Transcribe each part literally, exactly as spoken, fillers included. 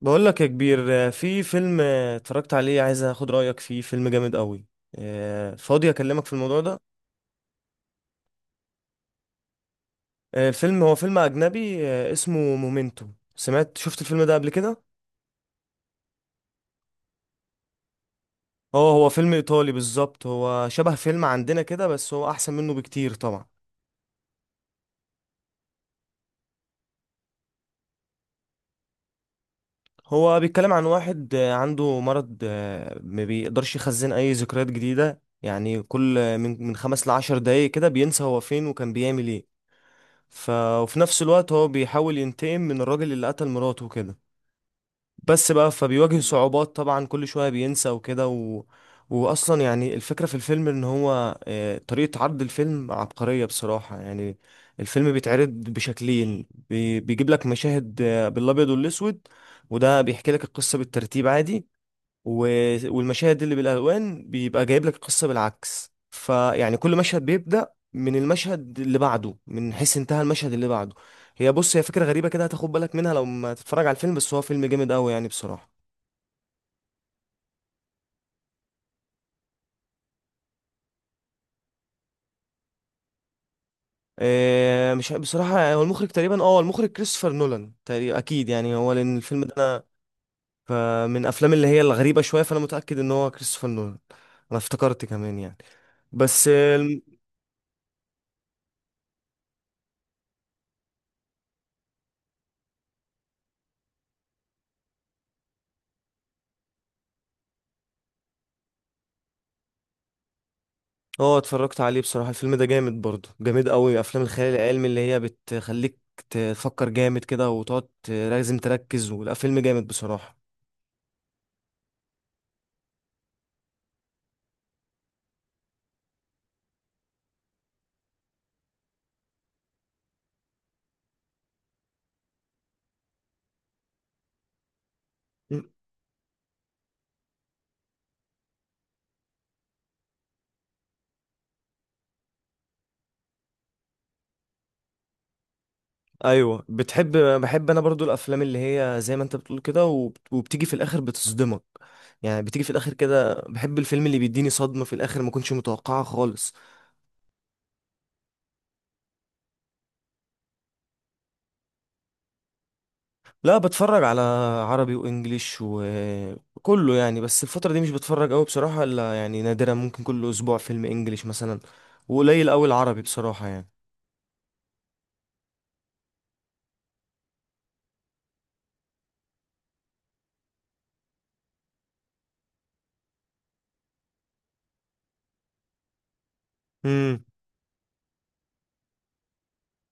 بقول لك يا كبير، آه، في فيلم آه، اتفرجت عليه، عايز اخد رأيك فيه. فيلم جامد قوي. آه، فاضي اكلمك في الموضوع ده؟ آه، الفيلم هو فيلم اجنبي، آه، اسمه مومنتو. سمعت شفت الفيلم ده قبل كده؟ اه، هو فيلم ايطالي بالظبط. هو شبه فيلم عندنا كده، بس هو احسن منه بكتير طبعا. هو بيتكلم عن واحد آه، عنده مرض، آه، ما بيقدرش يخزن اي ذكريات جديدة. يعني كل آه، من من خمس لعشر دقايق كده بينسى هو فين وكان بيعمل ايه. ف... وفي نفس الوقت هو بيحاول ينتقم من الراجل اللي قتل مراته وكده. بس بقى فبيواجه مم. صعوبات طبعا، كل شوية بينسى وكده و... وأصلا يعني الفكرة في الفيلم إن هو آه، طريقة عرض الفيلم عبقرية بصراحة يعني. الفيلم بيتعرض بشكلين. بي... بيجيب لك مشاهد آه، بالأبيض والأسود، وده بيحكي لك القصة بالترتيب عادي. و... والمشاهد اللي بالالوان بيبقى جايب لك القصه بالعكس. فيعني كل مشهد بيبدا من المشهد اللي بعده، من حيث انتهى المشهد اللي بعده. هي بص، هي فكره غريبه كده هتاخد بالك منها لو ما تتفرج على الفيلم. بس هو فيلم جامد قوي يعني بصراحه. إيه، مش ع- بصراحه هو المخرج تقريبا، اه المخرج كريستوفر نولان تقريبا اكيد يعني هو، لان الفيلم ده انا فمن افلام اللي هي الغريبه شويه، فانا متاكد ان هو كريستوفر نولان. انا افتكرت كمان يعني. بس. اه، اتفرجت عليه بصراحة. الفيلم ده جامد برضه، جامد قوي. افلام الخيال العلمي اللي هي بتخليك تفكر جامد كده، وتقعد ت- لازم تركز. ولا فيلم جامد بصراحة. مم. ايوه، بتحب بحب انا برضو الافلام اللي هي زي ما انت بتقول كده، وب- وبتيجي في الاخر بتصدمك. يعني بتيجي في الاخر كده، بحب الفيلم اللي بيديني صدمة في الاخر ما كنتش متوقعها خالص. لا، بتفرج على عربي وانجليش وكله يعني. بس الفترة دي مش بتفرج قوي بصراحة، الا يعني نادرا. ممكن كل اسبوع فيلم انجليش مثلا، وقليل قوي العربي بصراحة يعني. امم.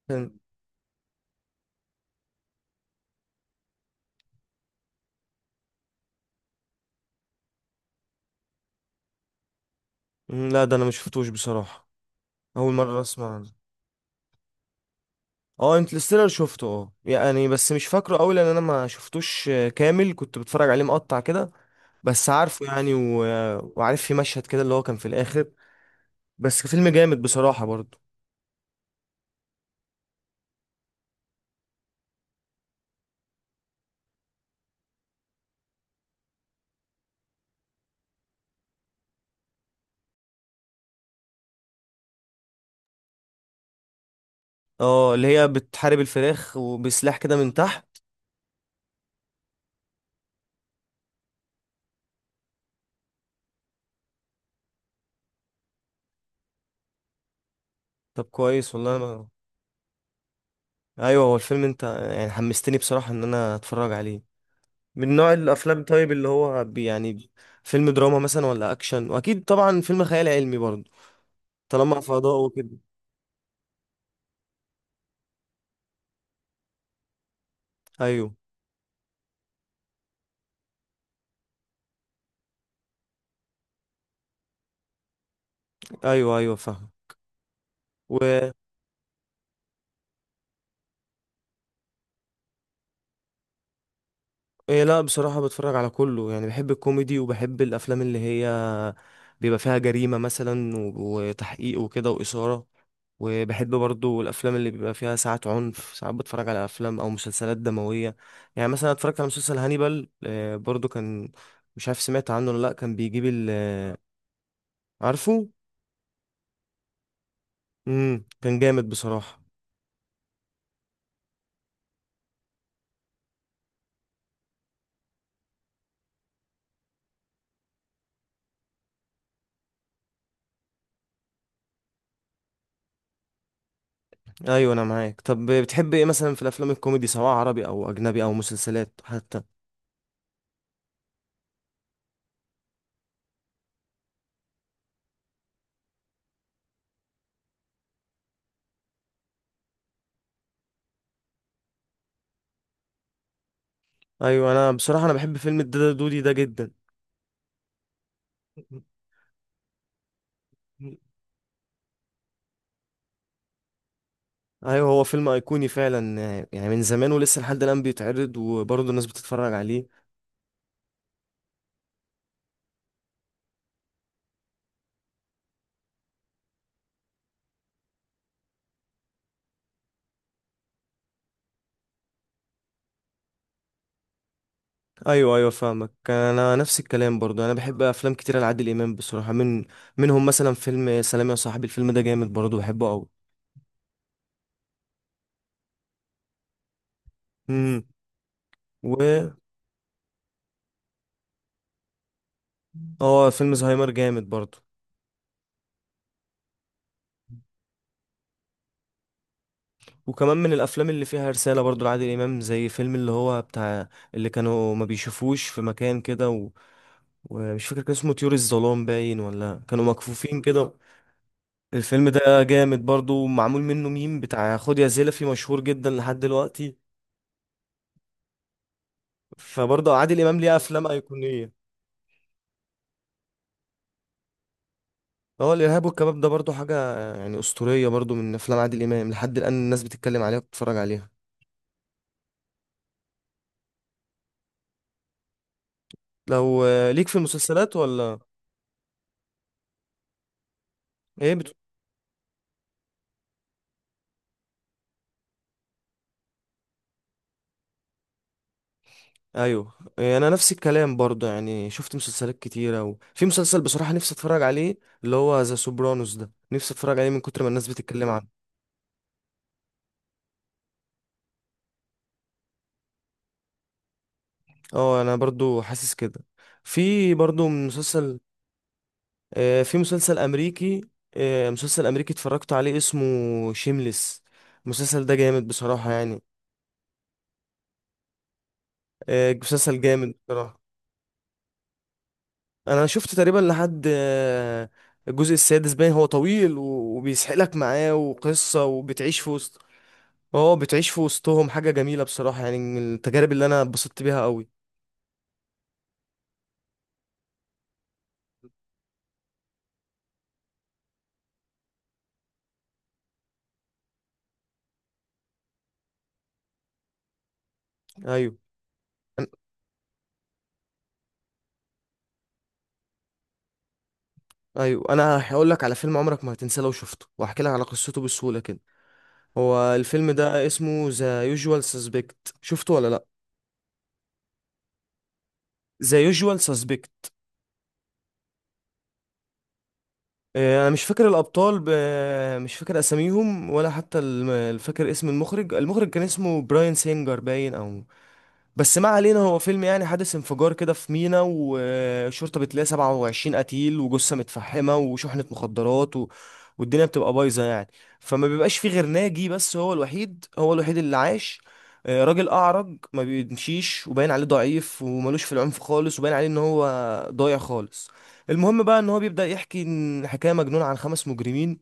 كان- مم، لا، ده انا مش شفتوش بصراحة. اول مرة اسمع عنه. اه، انترستيلر شفته. اه يعني بس مش فاكره قوي، لان انا ما شفتوش آه، كامل. كنت بتفرج عليه مقطع كده، بس عارفه يعني و... وعارف في مشهد كده اللي هو كان في الاخر. بس فيلم جامد بصراحة برضه. اه، اللي هي بتحارب الفراخ وبسلاح كده من تحت. طب، كويس والله. انا ايوه، هو الفيلم انت يعني حمستني بصراحة ان انا اتفرج عليه. من نوع الافلام، طيب، اللي هو بي يعني فيلم دراما مثلا، ولا اكشن؟ واكيد طبعا فيلم خيال علمي برضه، طالما فضاء وكده. ايوه، ايوه، ايوه، فاهم. و إيه، لا بصراحة، بتفرج على كله يعني. بحب الكوميدي، وبحب الافلام اللي هي بيبقى فيها جريمة مثلا و- وتحقيق وكده وإثارة. وبحب برضو الافلام اللي بيبقى فيها ساعات عنف. ساعات بتفرج على افلام او مسلسلات دمويه. يعني مثلا اتفرجت على مسلسل هانيبال، آه، برضو كان. مش عارف سمعت عنه ولا لا. كان بيجيب ال آه، عارفه. امم. كان جامد بصراحه. ايوه، انا معاك. طب بتحب ايه مثلا في الافلام الكوميدي، سواء عربي او اجنبي او مسلسلات حتى؟ ايوه، انا بصراحه انا بحب فيلم الدادا دودي ده جدا. ايوه، هو فيلم ايقوني فعلا، آه، يعني من زمان ولسه لحد الان بيتعرض، وبرضه الناس بتتفرج عليه. ايوه، ايوه، فاهمك. انا نفس الكلام برضو. انا بحب افلام كتير لعادل امام بصراحه، من منهم مثلا فيلم سلام يا صاحبي. الفيلم ده جامد برضو، بحبه قوي. امم. و اه، فيلم زهايمر جامد برضو. وكمان من الافلام اللي فيها رساله برضو لعادل امام، زي فيلم اللي هو بتاع اللي كانوا ما بيشوفوش في مكان كده و... ومش فاكر كان اسمه طيور الظلام باين، ولا كانوا مكفوفين كده. الفيلم ده جامد برضو، معمول منه ميم بتاع خد يا زلفي، مشهور جدا لحد دلوقتي. فبرضه عادل امام ليه افلام ايقونيه. هو الارهاب والكباب ده برضو حاجه يعني اسطوريه برضو، من افلام عادل امام لحد الان الناس بتتكلم عليها وبتتفرج عليها. لو آه، ليك في المسلسلات ولا؟ ايه بت... ايوه، آه، انا نفس الكلام برضو. يعني شفت مسلسلات كتيره، وفي مسلسل بصراحه نفسي اتفرج عليه، اللي هو ذا سوبرانوس. ده نفسي اتفرج عليه من كتر ما الناس بتتكلم عنه. اه، انا برضو حاسس كده. في برضو مسلسل آه، في مسلسل امريكي آه، مسلسل امريكي اتفرجت عليه، اسمه شيمليس. المسلسل ده جامد بصراحه يعني، آه، مسلسل جامد بصراحة. انا شفت تقريبا لحد آه، الجزء السادس باين. هو طويل و- وبيسحلك معاه، وقصة، وبتعيش في وسط. اه، بتعيش في وسطهم. حاجة جميلة بصراحة يعني، من التجارب اللي انا اتبسطت بيها قوي. ايوه. أنا- ايوه، انا هقول لك على فيلم عمرك ما هتنساه لو شفته، وهحكي لك على قصته بسهولة كده. هو الفيلم ده اسمه ذا يوجوال سسبكت. شفته ولا لا؟ ذا يوجوال سسبكت. آه، انا مش فاكر الابطال ب... مش فاكر اساميهم، ولا حتى الم- فاكر اسم المخرج. المخرج كان اسمه براين سينجر باين، او بس ما علينا. هو فيلم يعني حادث انفجار كده في مينا، والشرطة بتلاقي سبعة وعشرين قتيل وجثة متفحمة وشحنة مخدرات و... والدنيا بتبقى بايظة يعني. فما بيبقاش فيه غير ناجي، بس هو الوحيد هو الوحيد اللي عاش. آه، راجل أعرج ما بيمشيش، وباين عليه ضعيف وملوش في العنف خالص، وباين عليه إن هو ضايع خالص. المهم بقى إن هو بيبدأ يحكي إن حكاية مجنونة عن خمس مجرمين،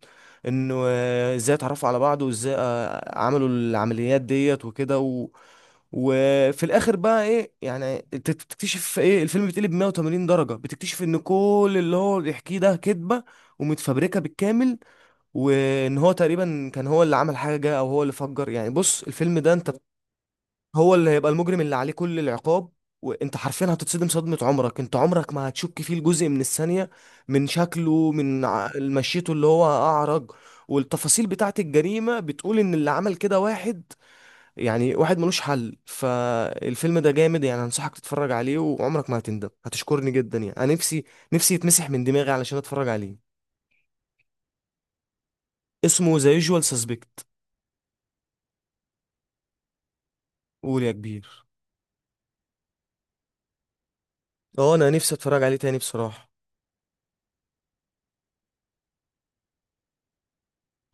إنه آه، إزاي اتعرفوا على بعض، وإزاي آه، عملوا العمليات ديت وكده و... وفي الاخر بقى ايه يعني؟ انت بتكتشف ايه؟ الفيلم بيتقلب مية وتمانين درجة، بتكتشف ان كل اللي هو بيحكيه ده كذبة ومتفبركة بالكامل. وان هو تقريبا كان هو اللي عمل حاجة، او هو اللي فجر يعني. بص الفيلم ده، انت هو اللي هيبقى المجرم اللي عليه كل العقاب. وانت حرفيا هتتصدم صدمة عمرك. انت عمرك ما هتشك فيه لجزء من الثانية، من شكله، من ع- مشيته اللي هو اعرج. والتفاصيل بتاعت الجريمة بتقول ان اللي عمل كده واحد، يعني واحد ملوش حل. فالفيلم ده جامد يعني، هنصحك تتفرج عليه وعمرك ما هتندم، هتشكرني جدا يعني. انا نفسي نفسي يتمسح من دماغي علشان اتفرج عليه. اسمه ذا يوجوال سسبكت. قول يا كبير. اه، انا نفسي اتفرج عليه تاني بصراحة.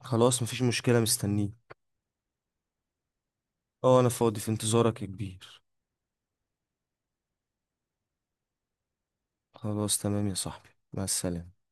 خلاص، مفيش مشكلة، مستنيه. اه، انا فاضي في انتظارك يا كبير. خلاص، تمام يا صاحبي، مع السلامة.